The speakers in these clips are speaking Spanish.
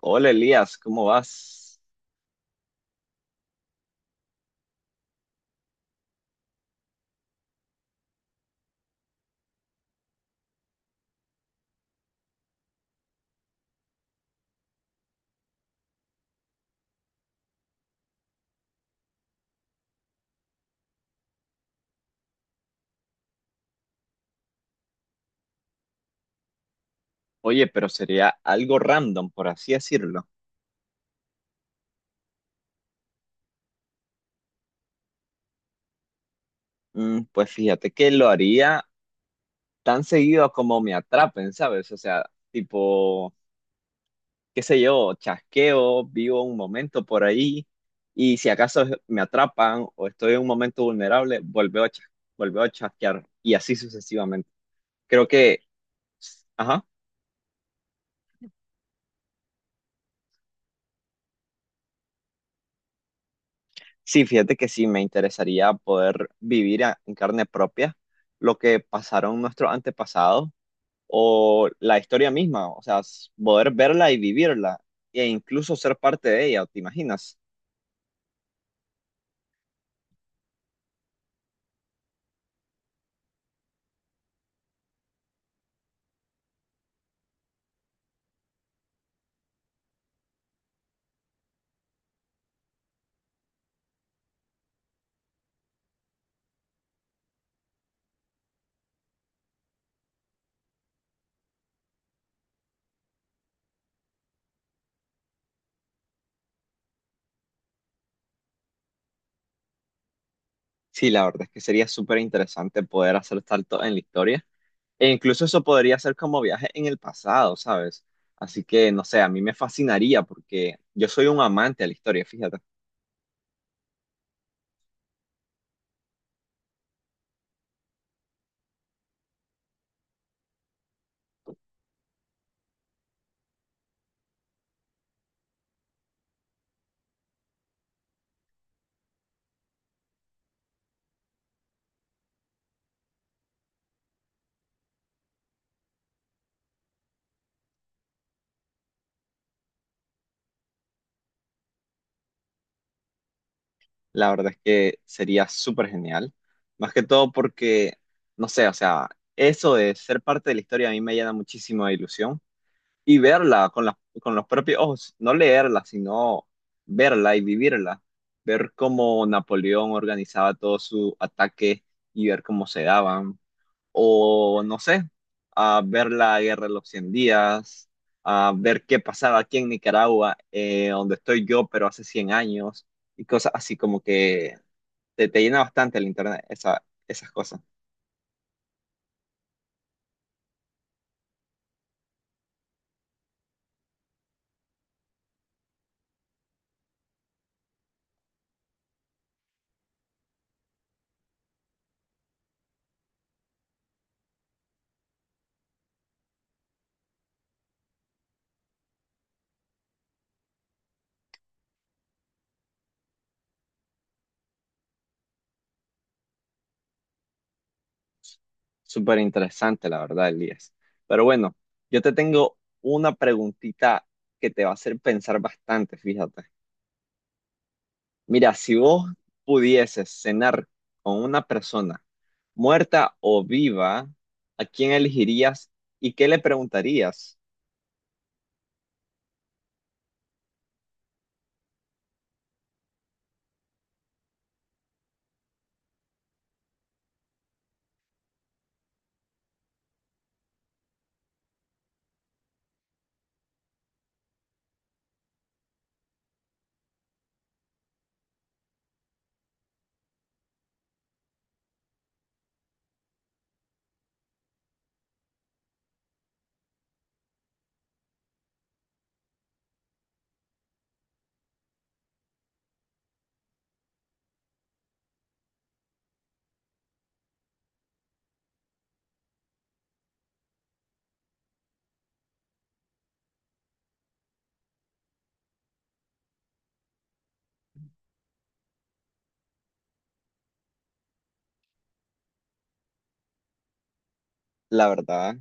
Hola Elías, ¿cómo vas? Oye, pero sería algo random, por así decirlo. Pues fíjate que lo haría tan seguido como me atrapen, ¿sabes? O sea, tipo, qué sé yo, chasqueo, vivo un momento por ahí y si acaso me atrapan o estoy en un momento vulnerable, vuelvo a chasquear y así sucesivamente. Creo que, ajá, sí, fíjate que sí, me interesaría poder vivir en carne propia lo que pasaron nuestros antepasados o la historia misma, o sea, poder verla y vivirla e incluso ser parte de ella, ¿te imaginas? Sí, la verdad es que sería súper interesante poder hacer salto en la historia e incluso eso podría ser como viaje en el pasado, ¿sabes? Así que, no sé, a mí me fascinaría porque yo soy un amante de la historia, fíjate. La verdad es que sería súper genial, más que todo porque, no sé, o sea, eso de ser parte de la historia a mí me llena muchísimo de ilusión y verla con los propios ojos, no leerla, sino verla y vivirla, ver cómo Napoleón organizaba todo su ataque y ver cómo se daban, o no sé, a ver la Guerra de los Cien Días, a ver qué pasaba aquí en Nicaragua, donde estoy yo, pero hace 100 años, y cosas así como que te llena bastante el internet, esas cosas. Súper interesante, la verdad, Elías. Pero bueno, yo te tengo una preguntita que te va a hacer pensar bastante, fíjate. Mira, si vos pudieses cenar con una persona muerta o viva, ¿a quién elegirías y qué le preguntarías? La verdad,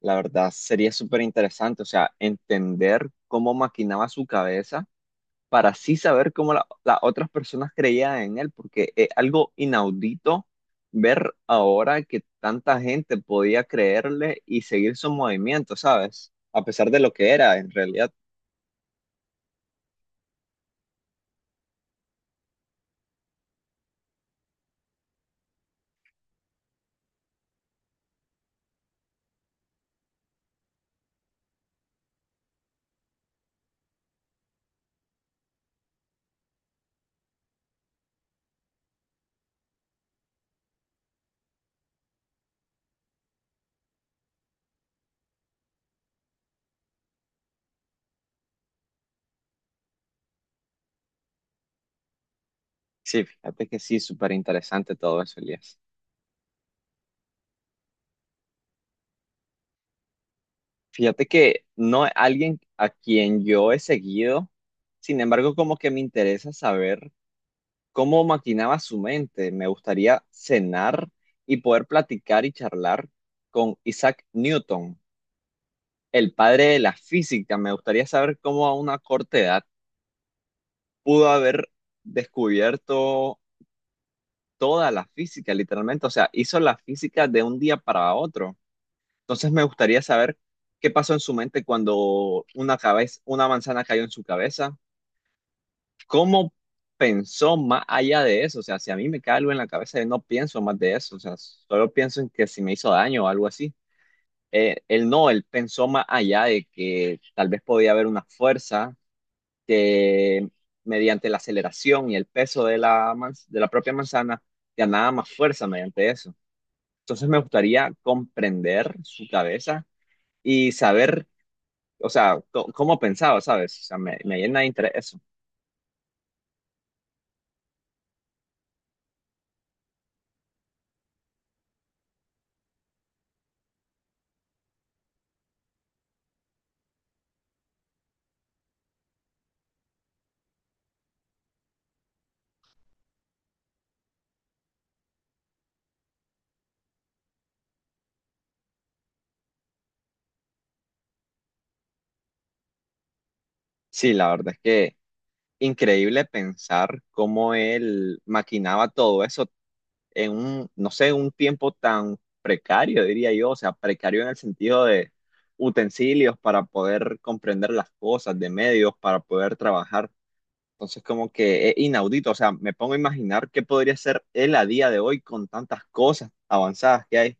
la verdad, sería súper interesante, o sea, entender cómo maquinaba su cabeza para así saber las otras personas creían en él, porque es algo inaudito ver ahora que tanta gente podía creerle y seguir su movimiento, ¿sabes? A pesar de lo que era en realidad. Sí, fíjate que sí, súper interesante todo eso, Elías. Fíjate que no es alguien a quien yo he seguido, sin embargo, como que me interesa saber cómo maquinaba su mente. Me gustaría cenar y poder platicar y charlar con Isaac Newton. El padre de la física. Me gustaría saber cómo a una corta edad pudo haber descubierto toda la física, literalmente. O sea, hizo la física de un día para otro. Entonces me gustaría saber qué pasó en su mente cuando una manzana cayó en su cabeza. ¿Cómo pensó más allá de eso? O sea, si a mí me cae algo en la cabeza, yo no pienso más de eso. O sea, solo pienso en que si me hizo daño o algo así. Él no, él pensó más allá de que tal vez podía haber una fuerza que mediante la aceleración y el peso de de la propia manzana ganaba más fuerza mediante eso. Entonces me gustaría comprender su cabeza y saber, o sea, cómo pensaba, ¿sabes? O sea, me llena de interés eso. Sí, la verdad es que increíble pensar cómo él maquinaba todo eso en un, no sé, en un tiempo tan precario, diría yo, o sea, precario en el sentido de utensilios para poder comprender las cosas, de medios para poder trabajar. Entonces, como que es inaudito, o sea, me pongo a imaginar qué podría ser él a día de hoy con tantas cosas avanzadas que hay.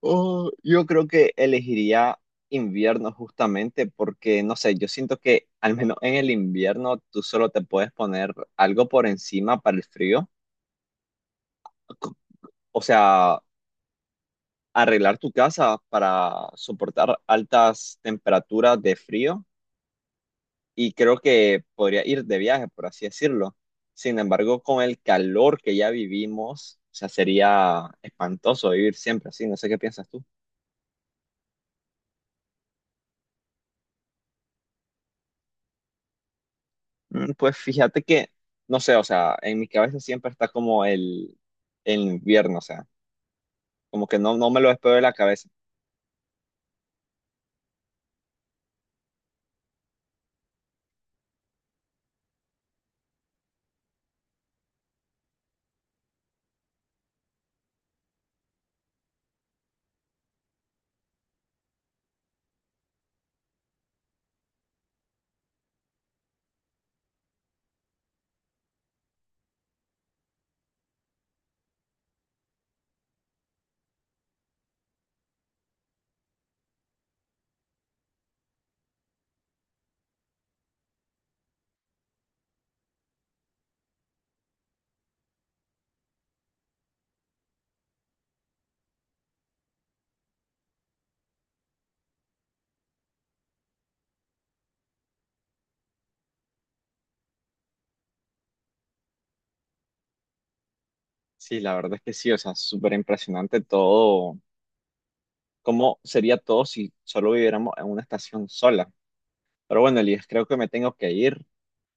Oh, yo creo que elegiría invierno justamente porque, no sé, yo siento que al menos en el invierno tú solo te puedes poner algo por encima para el frío. O sea, arreglar tu casa para soportar altas temperaturas de frío y creo que podría ir de viaje, por así decirlo. Sin embargo, con el calor que ya vivimos, o sea, sería espantoso vivir siempre así. No sé qué piensas tú. Pues fíjate que, no sé, o sea, en mi cabeza siempre está como el invierno, o sea, como que no, no me lo despego de la cabeza. Sí, la verdad es que sí, o sea, súper impresionante todo. ¿Cómo sería todo si solo viviéramos en una estación sola? Pero bueno, Elías, creo que me tengo que ir.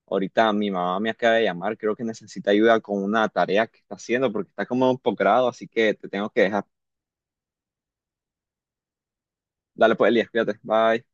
Ahorita mi mamá me acaba de llamar, creo que necesita ayuda con una tarea que está haciendo porque está como en un posgrado, así que te tengo que dejar. Dale pues, Elías, cuídate. Bye.